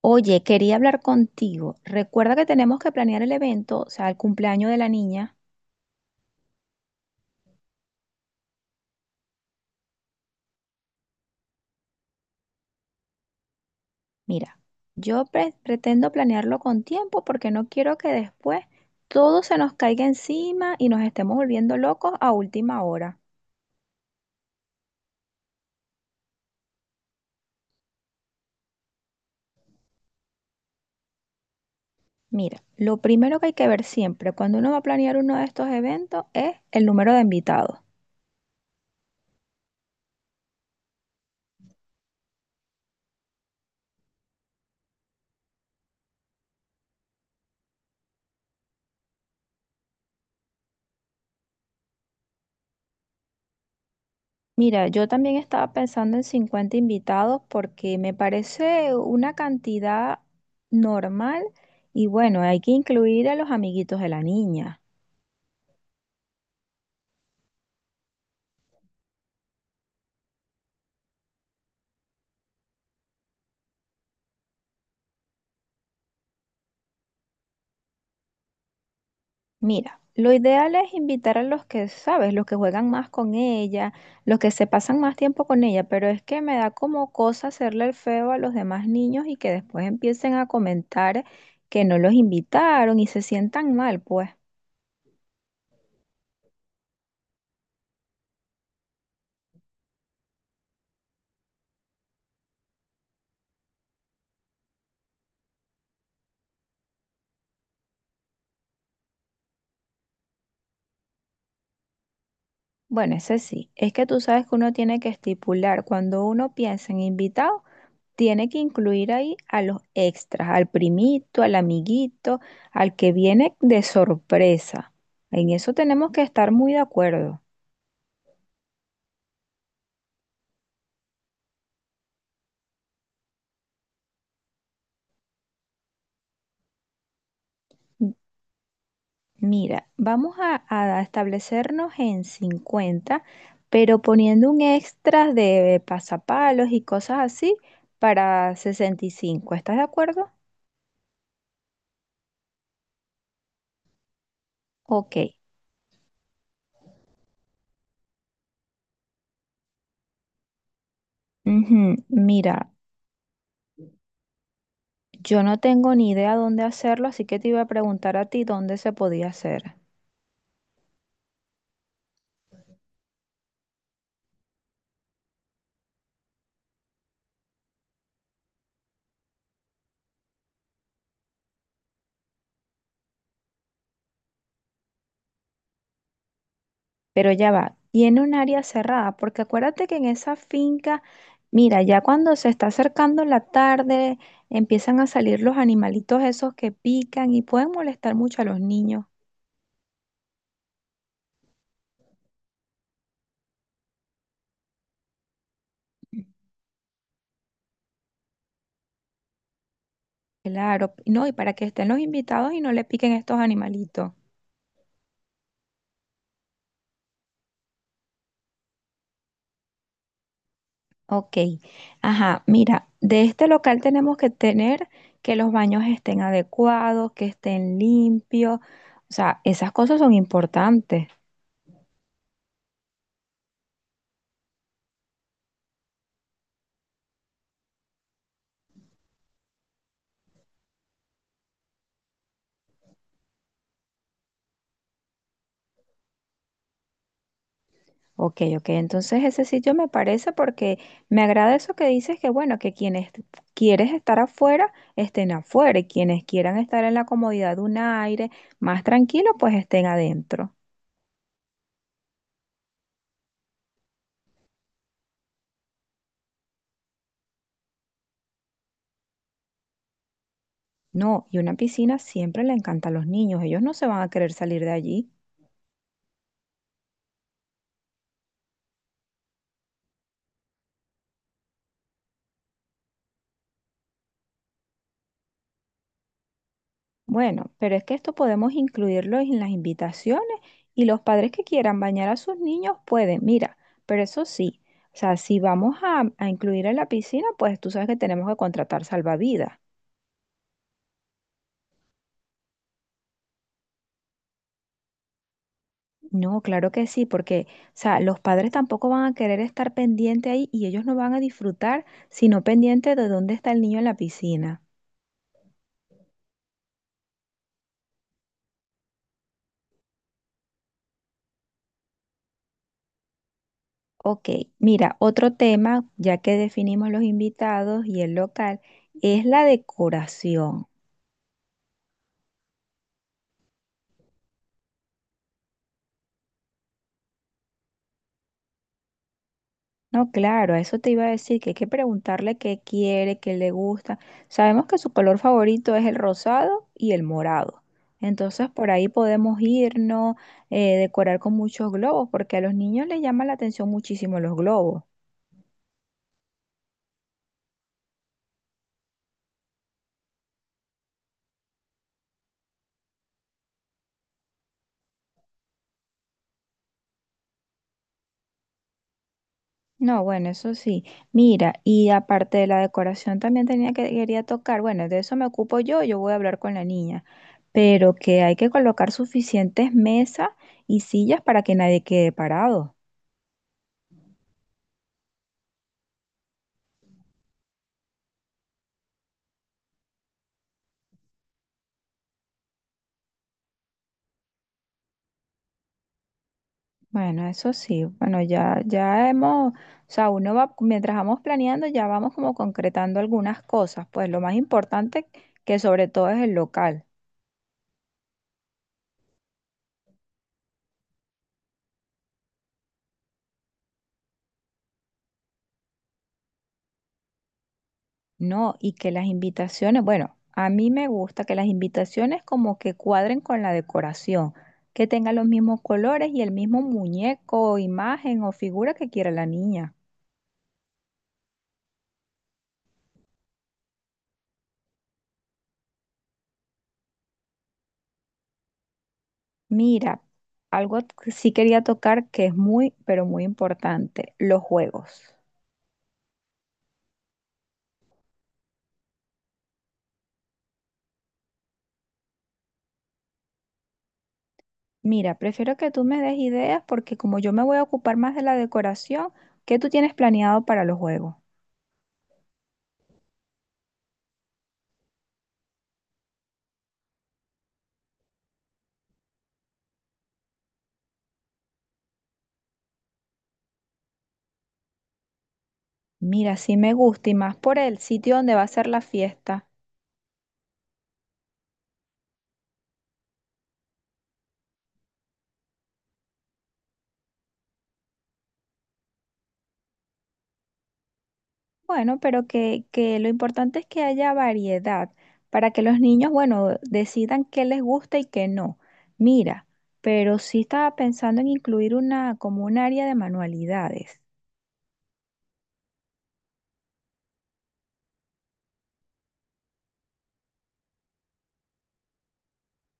Oye, quería hablar contigo. Recuerda que tenemos que planear el evento, o sea, el cumpleaños de la niña. Mira, pretendo planearlo con tiempo porque no quiero que después todo se nos caiga encima y nos estemos volviendo locos a última hora. Mira, lo primero que hay que ver siempre cuando uno va a planear uno de estos eventos es el número de invitados. Mira, yo también estaba pensando en 50 invitados porque me parece una cantidad normal y bueno, hay que incluir a los amiguitos de la niña. Mira, lo ideal es invitar a los que, sabes, los que juegan más con ella, los que se pasan más tiempo con ella, pero es que me da como cosa hacerle el feo a los demás niños y que después empiecen a comentar que no los invitaron y se sientan mal, pues. Bueno, ese sí. Es que tú sabes que uno tiene que estipular, cuando uno piensa en invitado, tiene que incluir ahí a los extras, al primito, al amiguito, al que viene de sorpresa. En eso tenemos que estar muy de acuerdo. M- Mira, vamos a establecernos en 50, pero poniendo un extra de pasapalos y cosas así para 65. ¿Estás de acuerdo? Ok. Ujú. Mira. Yo no tengo ni idea dónde hacerlo, así que te iba a preguntar a ti dónde se podía hacer. Pero ya va, tiene un área cerrada, porque acuérdate que en esa finca, mira, ya cuando se está acercando la tarde, empiezan a salir los animalitos esos que pican y pueden molestar mucho a los niños. Claro, no, y para que estén los invitados y no le piquen estos animalitos. Ok, ajá, mira, de este local tenemos que tener que los baños estén adecuados, que estén limpios, o sea, esas cosas son importantes. Ok, ok, entonces ese sitio me parece porque me agrada eso que dices que bueno, que quienes quieres estar afuera, estén afuera y quienes quieran estar en la comodidad de un aire más tranquilo, pues estén adentro. No, y una piscina siempre le encanta a los niños, ellos no se van a querer salir de allí. Bueno, pero es que esto podemos incluirlo en las invitaciones y los padres que quieran bañar a sus niños pueden, mira, pero eso sí, o sea, si vamos a incluir en la piscina, pues tú sabes que tenemos que contratar salvavidas. No, claro que sí, porque, o sea, los padres tampoco van a querer estar pendiente ahí y ellos no van a disfrutar, sino pendiente de dónde está el niño en la piscina. Ok, mira, otro tema, ya que definimos los invitados y el local, es la decoración. No, claro, a eso te iba a decir, que hay que preguntarle qué quiere, qué le gusta. Sabemos que su color favorito es el rosado y el morado. Entonces por ahí podemos irnos, decorar con muchos globos, porque a los niños les llama la atención muchísimo los globos. No, bueno, eso sí. Mira, y aparte de la decoración también tenía que quería tocar. Bueno, de eso me ocupo yo, yo voy a hablar con la niña. Pero que hay que colocar suficientes mesas y sillas para que nadie quede parado. Bueno, eso sí, bueno, ya hemos, o sea, uno va, mientras vamos planeando, ya vamos como concretando algunas cosas, pues lo más importante que sobre todo es el local, ¿no? Y que las invitaciones, bueno, a mí me gusta que las invitaciones como que cuadren con la decoración, que tengan los mismos colores y el mismo muñeco, imagen o figura que quiera la niña. Mira, algo que sí quería tocar que es muy, pero muy importante, los juegos. Mira, prefiero que tú me des ideas porque como yo me voy a ocupar más de la decoración, ¿qué tú tienes planeado para los juegos? Mira, sí me gusta y más por el sitio donde va a ser la fiesta. Bueno, pero que lo importante es que haya variedad para que los niños, bueno, decidan qué les gusta y qué no. Mira, pero sí estaba pensando en incluir una como un área de manualidades.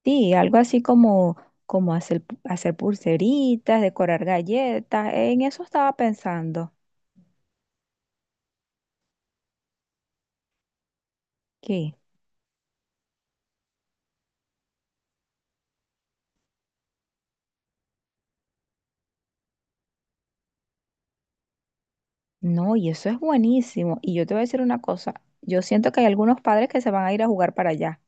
Sí, algo así como como hacer pulseritas, decorar galletas, en eso estaba pensando. ¿Qué? No, y eso es buenísimo. Y yo te voy a decir una cosa, yo siento que hay algunos padres que se van a ir a jugar para allá.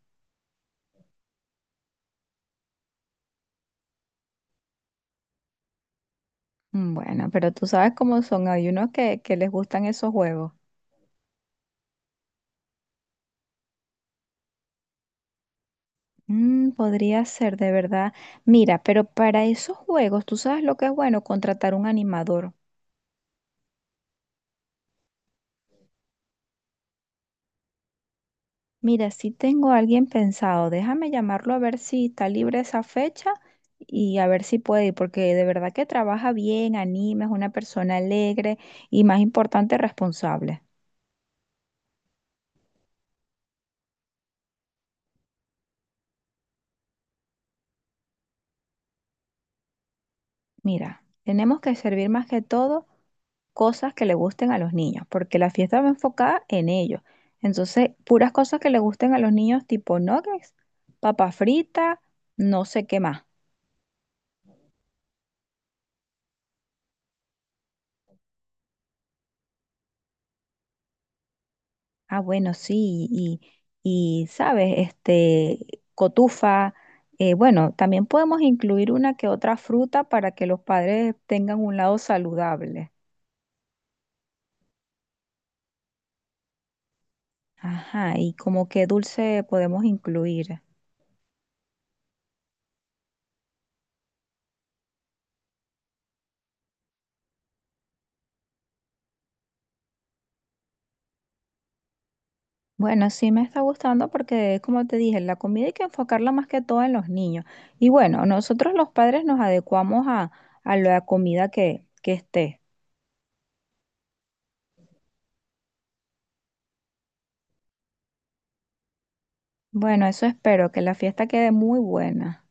Mm, bueno, pero tú sabes cómo son, hay unos que les gustan esos juegos. Mm, podría ser, de verdad. Mira, pero para esos juegos, tú sabes lo que es bueno, contratar un animador. Mira, si tengo a alguien pensado, déjame llamarlo a ver si está libre esa fecha y a ver si puede ir, porque de verdad que trabaja bien, anima, es una persona alegre y más importante, responsable. Mira, tenemos que servir más que todo cosas que le gusten a los niños, porque la fiesta va enfocada en ellos. Entonces, puras cosas que le gusten a los niños, tipo nuggets, papa frita, no sé qué más. Ah, bueno, sí, y sabes, este, cotufa. Eh, bueno, también podemos incluir una que otra fruta para que los padres tengan un lado saludable. Ajá, y como qué dulce podemos incluir. Bueno, sí me está gustando porque, como te dije, la comida hay que enfocarla más que todo en los niños. Y bueno, nosotros los padres nos adecuamos a la comida que esté. Bueno, eso espero, que la fiesta quede muy buena.